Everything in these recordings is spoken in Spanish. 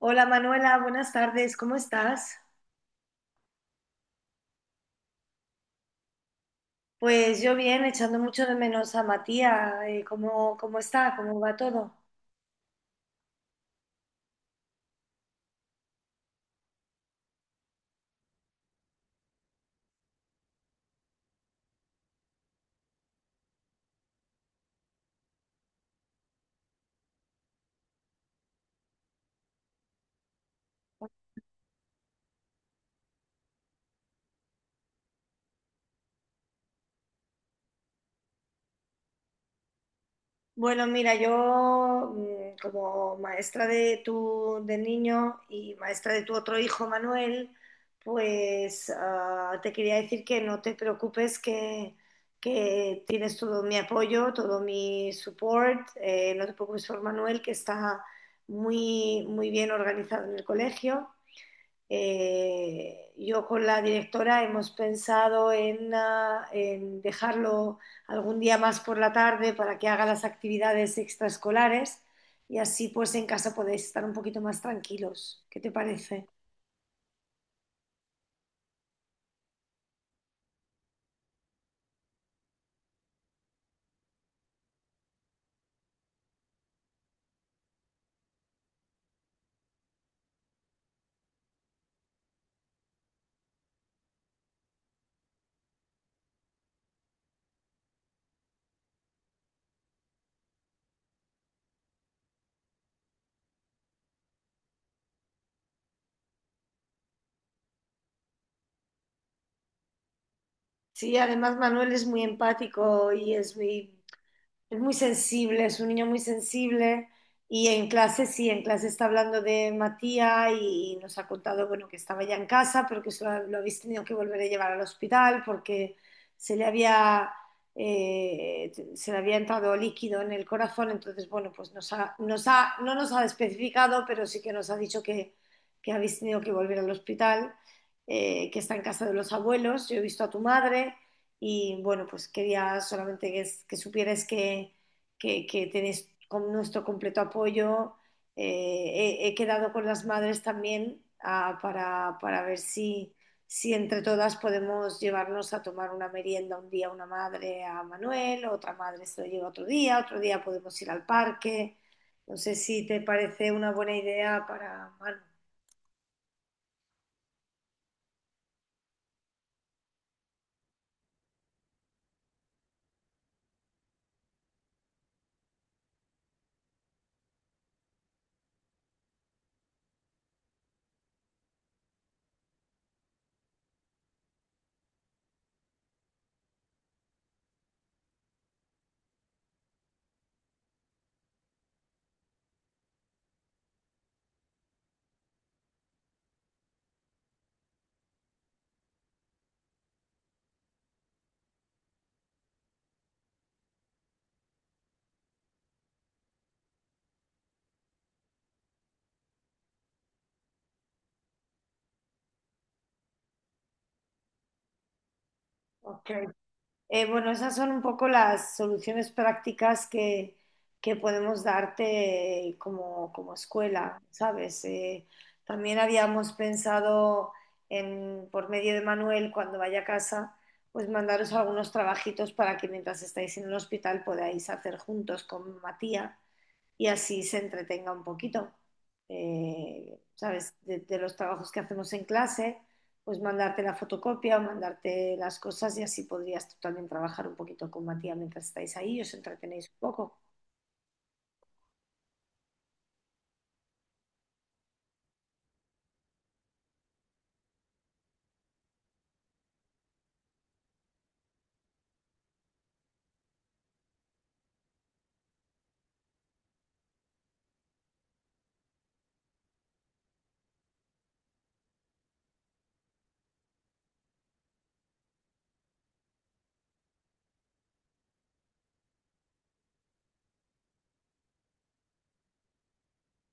Hola Manuela, buenas tardes, ¿cómo estás? Pues yo bien, echando mucho de menos a Matías, ¿Cómo está? ¿Cómo va todo? Bueno, mira, yo como maestra de tu del niño y maestra de tu otro hijo Manuel, pues te quería decir que no te preocupes, que tienes todo mi apoyo, todo mi support, no te preocupes por Manuel, que está muy, muy bien organizado en el colegio. Yo con la directora hemos pensado en dejarlo algún día más por la tarde para que haga las actividades extraescolares y así pues en casa podéis estar un poquito más tranquilos. ¿Qué te parece? Sí, además Manuel es muy empático y es muy Es muy sensible, es un niño muy sensible y en clase sí, en clase está hablando de Matías y nos ha contado, bueno, que estaba ya en casa, pero que lo habéis tenido que volver a llevar al hospital porque se le se le había entrado líquido en el corazón, entonces, bueno, pues no nos ha especificado, pero sí que nos ha dicho que habéis tenido que volver al hospital, que está en casa de los abuelos, yo he visto a tu madre y bueno, pues quería solamente que supieras que tienes con nuestro completo apoyo. He quedado con las madres también para ver si, si entre todas podemos llevarnos a tomar una merienda un día una madre a Manuel, otra madre se lo lleva otro día podemos ir al parque. No sé si te parece una buena idea para Manu. Ok. Bueno, esas son un poco las soluciones prácticas que podemos darte como escuela, ¿sabes? También habíamos pensado en, por medio de Manuel, cuando vaya a casa, pues mandaros algunos trabajitos para que mientras estáis en el hospital podáis hacer juntos con Matías y así se entretenga un poquito. ¿Sabes? De los trabajos que hacemos en clase, pues mandarte la fotocopia o mandarte las cosas y así podrías tú también trabajar un poquito con Matías mientras estáis ahí y os entretenéis un poco.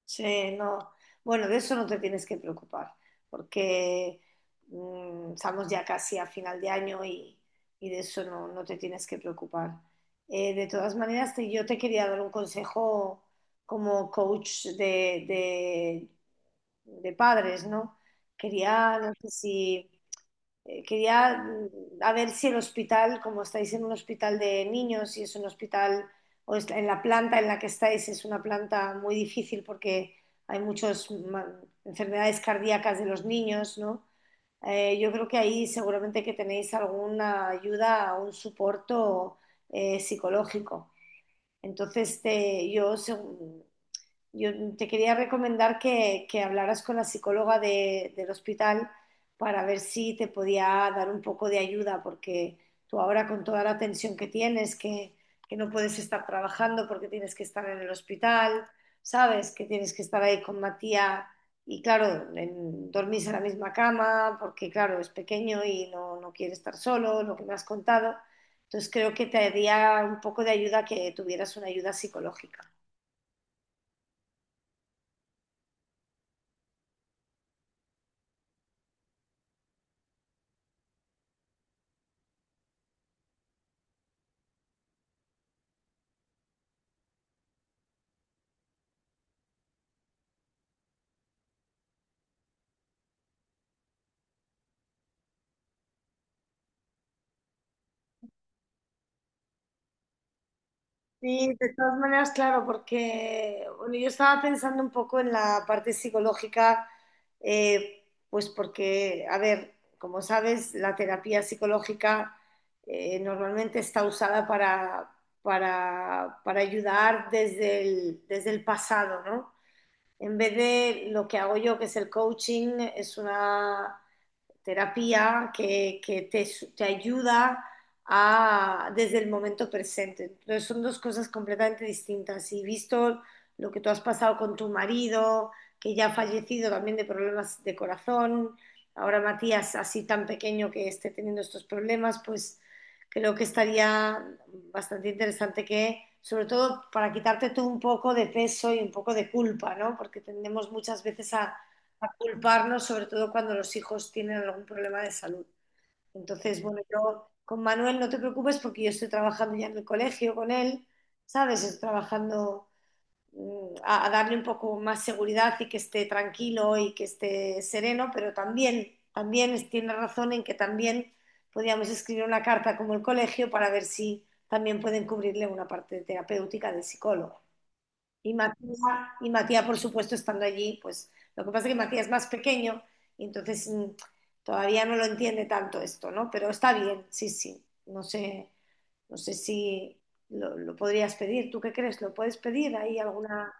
Sí, no. Bueno, de eso no te tienes que preocupar, porque estamos ya casi a final de año y de eso no te tienes que preocupar. De todas maneras, yo te quería dar un consejo como coach de de padres, ¿no? Quería, no sé si, quería, a ver si el hospital, como estáis en un hospital de niños, si es un hospital o en la planta en la que estáis es una planta muy difícil porque hay muchas enfermedades cardíacas de los niños, ¿no? Yo creo que ahí seguramente que tenéis alguna ayuda, un soporte psicológico. Entonces, yo te quería recomendar que hablaras con la psicóloga del hospital para ver si te podía dar un poco de ayuda, porque tú ahora con toda la tensión que tienes, que no puedes estar trabajando porque tienes que estar en el hospital, sabes que tienes que estar ahí con Matías y claro, dormís en la misma cama porque claro, es pequeño y no quiere estar solo, lo que me has contado. Entonces creo que te haría un poco de ayuda que tuvieras una ayuda psicológica. Sí, de todas maneras, claro, porque bueno, yo estaba pensando un poco en la parte psicológica, eh, pues porque, a ver, como sabes, la terapia psicológica normalmente está usada para ayudar desde desde el pasado, ¿no? En vez de lo que hago yo, que es el coaching, es una terapia que te ayuda a, desde el momento presente. Entonces son dos cosas completamente distintas. Y visto lo que tú has pasado con tu marido, que ya ha fallecido también de problemas de corazón, ahora Matías así tan pequeño que esté teniendo estos problemas, pues creo que estaría bastante interesante que, sobre todo para quitarte tú un poco de peso y un poco de culpa, ¿no? Porque tendemos muchas veces a culparnos, sobre todo cuando los hijos tienen algún problema de salud. Entonces, bueno, yo con Manuel no te preocupes porque yo estoy trabajando ya en el colegio con él, ¿sabes? Estoy trabajando, a darle un poco más seguridad y que esté tranquilo y que esté sereno, pero también, también tiene razón en que también podríamos escribir una carta como el colegio para ver si también pueden cubrirle una parte terapéutica del psicólogo. Y Matías, y Matías, por supuesto, estando allí, pues lo que pasa es que Matías es más pequeño y entonces todavía no lo entiende tanto esto, ¿no? Pero está bien, sí, sí. No sé, no sé si lo podrías pedir. ¿Tú qué crees? ¿Lo puedes pedir? ¿Hay alguna?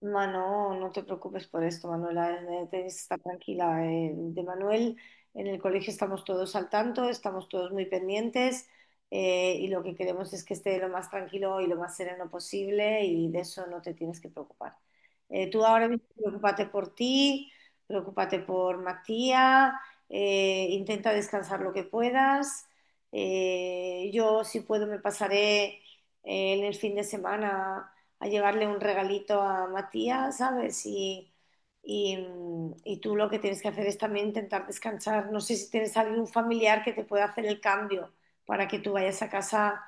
Mano, no te preocupes por esto, Manuela, tienes que estar tranquila. De Manuel, en el colegio estamos todos al tanto, estamos todos muy pendientes, y lo que queremos es que esté lo más tranquilo y lo más sereno posible y de eso no te tienes que preocupar. Tú ahora mismo preocúpate por ti, preocúpate por Matías, intenta descansar lo que puedas. Yo, si puedo, me pasaré en el fin de semana a llevarle un regalito a Matías, ¿sabes? Y, y tú lo que tienes que hacer es también intentar descansar. No sé si tienes algún familiar que te pueda hacer el cambio para que tú vayas a casa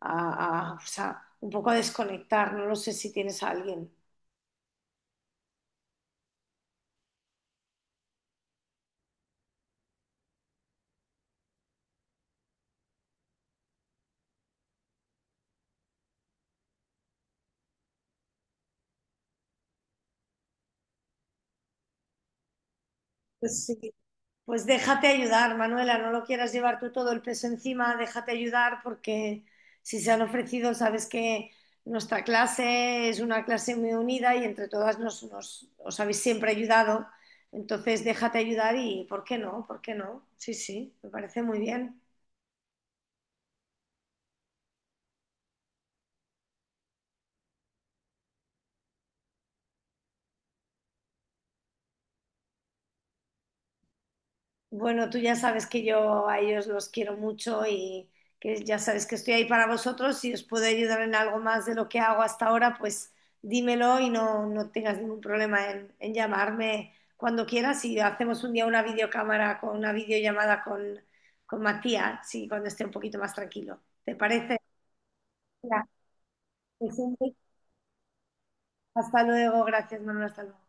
a, o sea, un poco a desconectar. No lo sé si tienes a alguien. Pues sí, pues déjate ayudar, Manuela, no lo quieras llevar tú todo el peso encima, déjate ayudar porque si se han ofrecido, sabes que nuestra clase es una clase muy unida y entre todas os habéis siempre ayudado, entonces déjate ayudar y ¿por qué no? ¿Por qué no? Sí, sí, me parece muy bien. Bueno, tú ya sabes que yo a ellos los quiero mucho y que ya sabes que estoy ahí para vosotros. Si os puedo ayudar en algo más de lo que hago hasta ahora, pues dímelo y no tengas ningún problema en llamarme cuando quieras y hacemos un día una videocámara con una videollamada con Matías, sí, cuando esté un poquito más tranquilo. ¿Te parece? Ya, pues, hasta luego, gracias, Manuel, hasta luego.